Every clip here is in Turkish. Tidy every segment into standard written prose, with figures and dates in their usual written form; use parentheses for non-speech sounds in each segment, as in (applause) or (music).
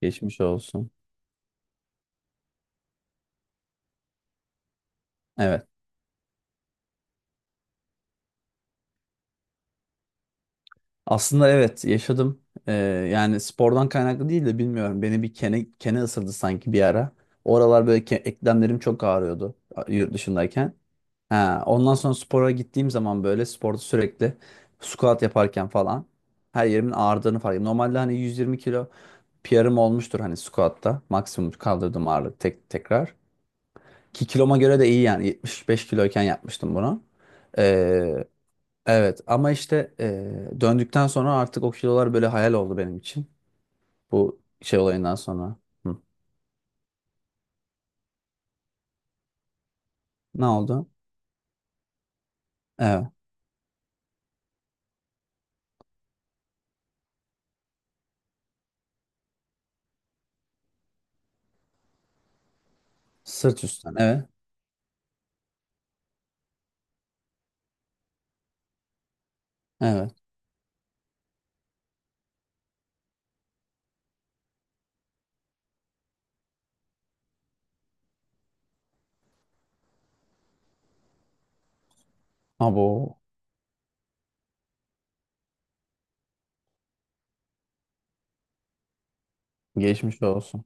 Geçmiş olsun. Evet. Aslında evet yaşadım. Yani spordan kaynaklı değil de bilmiyorum. Beni bir kene ısırdı sanki bir ara. Oralar böyle eklemlerim çok ağrıyordu yurt dışındayken. Ha, ondan sonra spora gittiğim zaman böyle sporda sürekli squat yaparken falan her yerimin ağrıdığını fark ettim. Normalde hani 120 kilo PR'ım olmuştur hani squatta. Maksimum kaldırdığım ağırlık tek, tekrar. Ki kiloma göre de iyi yani 75 kiloyken yapmıştım bunu. Ee, Evet ama işte döndükten sonra artık o kilolar böyle hayal oldu benim için. Bu şey olayından sonra. Hı. Ne oldu? Evet. Sırt üstten. Evet. Evet. Abo. Geçmiş olsun.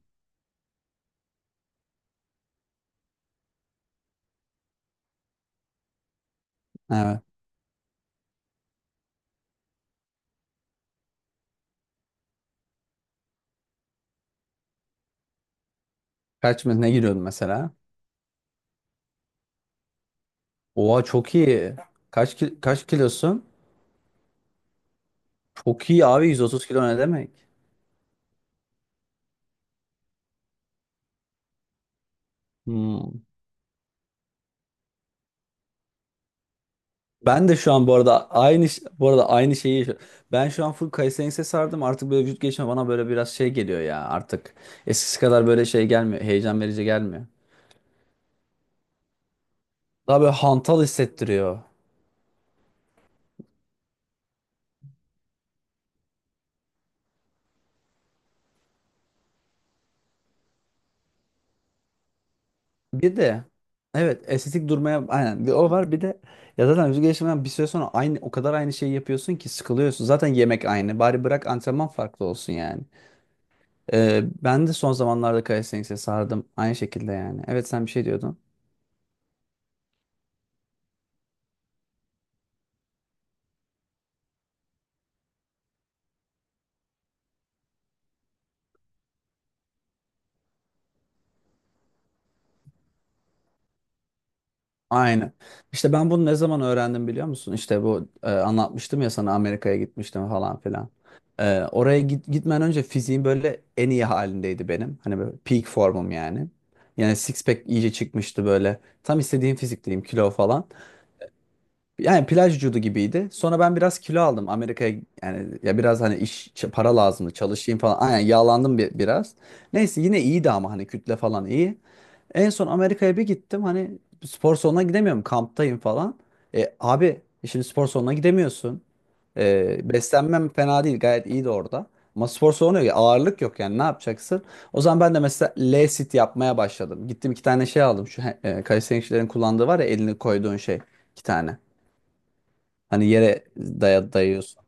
Evet. Kaç mı ne giriyordun mesela? Oha çok iyi. Kaç kilosun? Çok iyi abi 130 kilo ne demek? Hmm. Ben de şu an bu arada aynı şeyi yaşıyorum. Ben şu an full Kayseri'ye sardım. Artık böyle vücut gelişimi bana böyle biraz şey geliyor ya artık. Eskisi kadar böyle şey gelmiyor. Heyecan verici gelmiyor. Daha böyle hantal hissettiriyor. Bir de evet estetik durmaya aynen bir o var bir de ya zaten vücut gelişiminden bir süre sonra aynı o kadar aynı şeyi yapıyorsun ki sıkılıyorsun. Zaten yemek aynı. Bari bırak antrenman farklı olsun yani. Ben de son zamanlarda Kayseri'ye sardım. Aynı şekilde yani. Evet sen bir şey diyordun. Aynen. İşte ben bunu ne zaman öğrendim biliyor musun? İşte bu anlatmıştım ya sana Amerika'ya gitmiştim falan filan. Oraya gitmeden önce fiziğim böyle en iyi halindeydi benim. Hani böyle peak formum yani. Yani six pack iyice çıkmıştı böyle. Tam istediğim fizikteyim kilo falan. Yani plaj vücudu gibiydi. Sonra ben biraz kilo aldım Amerika'ya yani ya biraz hani iş para lazımdı çalışayım falan. Aynen yağlandım biraz. Neyse yine iyiydi ama hani kütle falan iyi. En son Amerika'ya bir gittim hani spor salonuna gidemiyorum kamptayım falan. Abi şimdi spor salonuna gidemiyorsun. Beslenmem fena değil gayet iyiydi orada. Ama spor salonu yok ağırlık yok yani ne yapacaksın? O zaman ben de mesela L-sit yapmaya başladım. Gittim 2 tane şey aldım şu kalistenikçilerin kullandığı var ya elini koyduğun şey 2 tane. Hani yere dayıyorsun.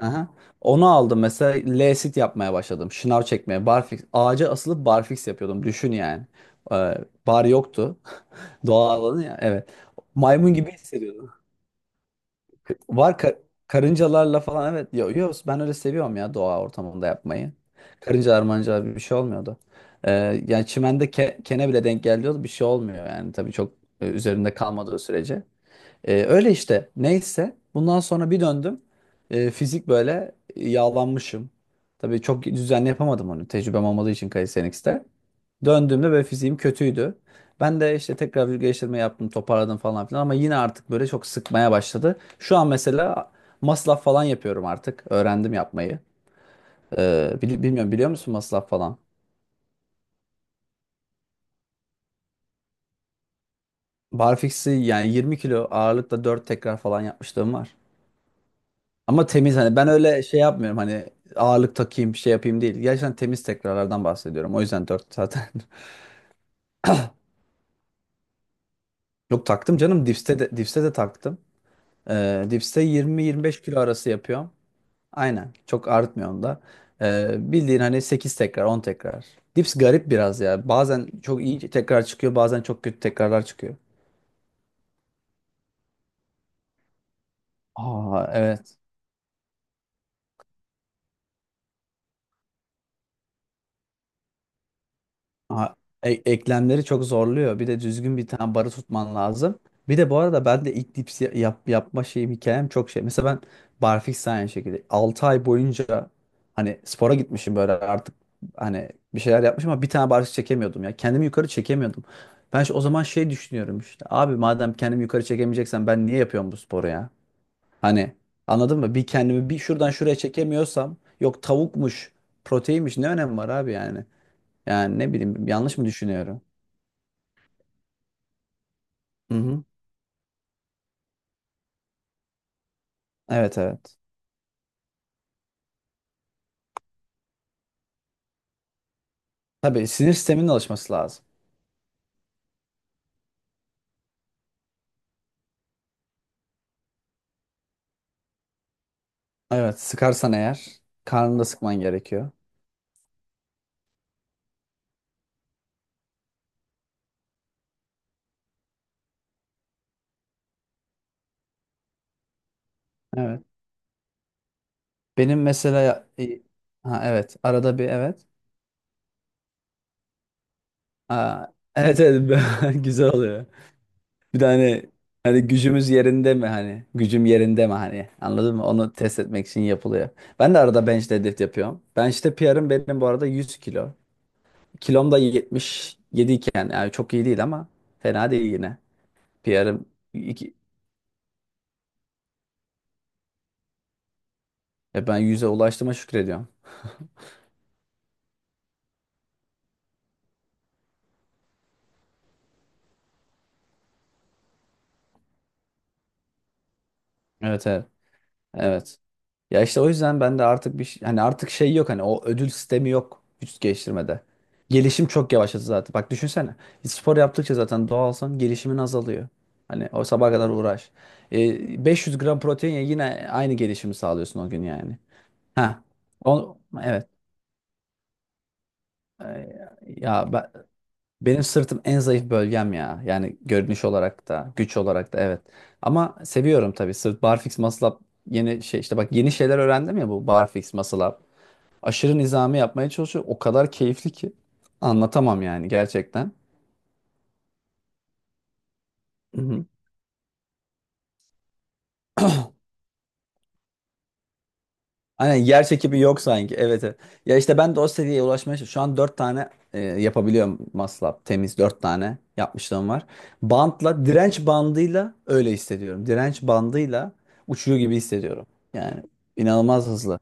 Aha. Onu aldım mesela L-sit yapmaya başladım. Şınav çekmeye. Barfix. Ağaca asılıp barfix yapıyordum. Düşün yani. Ee, bar yoktu. (laughs) Doğal alanı ya. Evet. Maymun gibi hissediyordum. Var ka- Karıncalarla falan evet. Yok yok ben öyle seviyorum ya doğa ortamında yapmayı. Karıncalar mancalar bir şey olmuyordu. Ee, Yani çimende kene bile denk geliyordu. Bir şey olmuyor yani. Tabii çok üzerinde kalmadığı sürece. Öyle işte. Neyse. Bundan sonra bir döndüm. Fizik böyle yağlanmışım. Tabii çok düzenli yapamadım onu. Tecrübem olmadığı için Calisthenics'te. Döndüğümde böyle fiziğim kötüydü. Ben de işte tekrar vücut geliştirme yaptım, toparladım falan filan ama yine artık böyle çok sıkmaya başladı. Şu an mesela masraf falan yapıyorum artık. Öğrendim yapmayı. Bilmiyorum biliyor musun masraf falan? Barfix'i yani 20 kilo ağırlıkla 4 tekrar falan yapmışlığım var. Ama temiz hani ben öyle şey yapmıyorum hani ağırlık takayım bir şey yapayım değil. Gerçekten temiz tekrarlardan bahsediyorum. O yüzden 4 zaten. (laughs) Yok taktım canım dipste de taktım. Dipste 20-25 kilo arası yapıyorum. Aynen çok artmıyorum da. Bildiğin hani 8 tekrar 10 tekrar. Dips garip biraz ya. Bazen çok iyi tekrar çıkıyor bazen çok kötü tekrarlar çıkıyor. Aa evet. Ha, eklemleri çok zorluyor. Bir de düzgün bir tane barı tutman lazım. Bir de bu arada ben de ilk dips yapma şeyim hikayem çok şey. Mesela ben barfiks de aynı şekilde 6 ay boyunca hani spora gitmişim böyle artık hani bir şeyler yapmışım ama bir tane barfiks çekemiyordum ya. Kendimi yukarı çekemiyordum. Ben o zaman şey düşünüyorum işte. Abi madem kendimi yukarı çekemeyeceksen ben niye yapıyorum bu sporu ya? Hani anladın mı? Bir kendimi bir şuradan şuraya çekemiyorsam yok tavukmuş, proteinmiş ne önemi var abi yani? Yani ne bileyim yanlış mı düşünüyorum? Hı hı. Evet evet. Tabii sinir sisteminin alışması lazım. Evet sıkarsan eğer karnını da sıkman gerekiyor. Evet. Benim mesela ha evet arada bir evet. Aa, evet evet (laughs) güzel oluyor. Bir de hani gücümüz yerinde mi hani gücüm yerinde mi hani anladın mı? Onu test etmek için yapılıyor. Ben de arada bench deadlift yapıyorum. Bench'te PR'ım benim bu arada 100 kilo. Kilom da 77 iken yani çok iyi değil ama fena değil yine. Bir ara iki, ben yüze ulaştığıma şükrediyorum. Evet evet. Evet. Ya işte o yüzden ben de artık hani artık şey yok hani o ödül sistemi yok vücut geliştirmede. Gelişim çok yavaşladı zaten. Bak düşünsene. Spor yaptıkça zaten doğalsan gelişimin azalıyor. Hani o sabaha kadar uğraş. 500 gram protein ye yine aynı gelişimi sağlıyorsun o gün yani. Ha. O, evet. E, ya ben, Benim sırtım en zayıf bölgem ya. Yani görünüş olarak da, güç olarak da evet. Ama seviyorum tabii. Sırt barfix muscle up yeni şey işte bak yeni şeyler öğrendim ya bu barfix muscle up. Aşırı nizami yapmaya çalışıyorum. O kadar keyifli ki anlatamam yani gerçekten. Hı hı. (clears throat) Aynen yer çekimi yok sanki. Evet, evet. Ya işte ben de o seviyeye ulaşmaya çalışıyorum. Şu an 4 tane yapabiliyorum maslap. Temiz 4 tane yapmışlığım var. Bantla, direnç bandıyla öyle hissediyorum. Direnç bandıyla uçuyor gibi hissediyorum. Yani inanılmaz hızlı.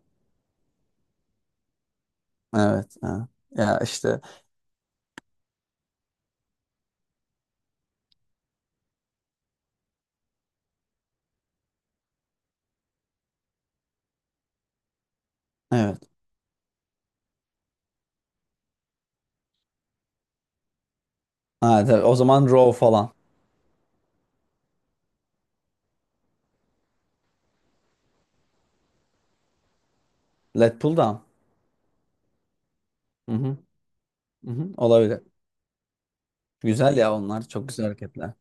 Evet. Ha. Ya işte evet. Ha, tabii. O zaman row falan. Let pull down. Hı hı. Hı hı. Olabilir. Güzel ya onlar. Çok güzel hareketler.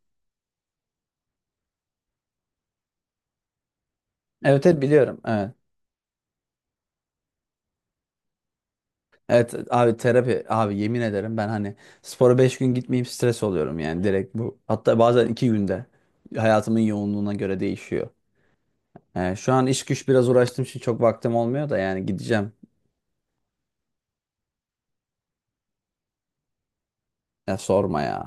Evet, evet biliyorum. Evet. Evet abi terapi abi yemin ederim ben hani spora 5 gün gitmeyeyim stres oluyorum yani direkt bu. Hatta bazen 2 günde hayatımın yoğunluğuna göre değişiyor. Yani şu an iş güç biraz uğraştığım için çok vaktim olmuyor da yani gideceğim. Ya sorma ya.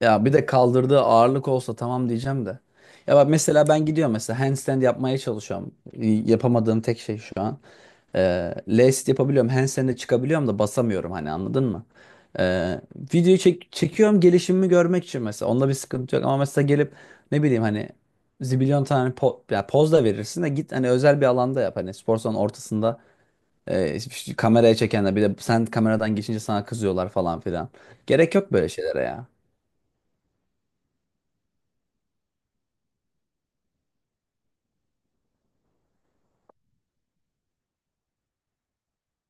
Ya bir de kaldırdığı ağırlık olsa tamam diyeceğim de. Ya bak mesela ben gidiyorum mesela handstand yapmaya çalışıyorum. Yapamadığım tek şey şu an. Last yapabiliyorum. Handstand'e çıkabiliyorum da basamıyorum hani anladın mı? Ee, Videoyu çekiyorum gelişimimi görmek için mesela. Onda bir sıkıntı yok ama mesela gelip ne bileyim hani zibilyon tane po ya poz da verirsin de git hani özel bir alanda yap. Hani spor salonun ortasında işte kameraya çekenler bir de sen kameradan geçince sana kızıyorlar falan filan. Gerek yok böyle şeylere ya.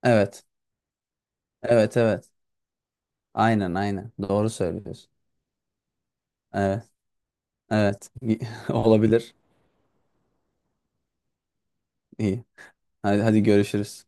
Evet. Evet evet. Aynen aynen. Doğru söylüyorsun. Evet. Evet. (laughs) Olabilir. İyi. Hadi, hadi görüşürüz.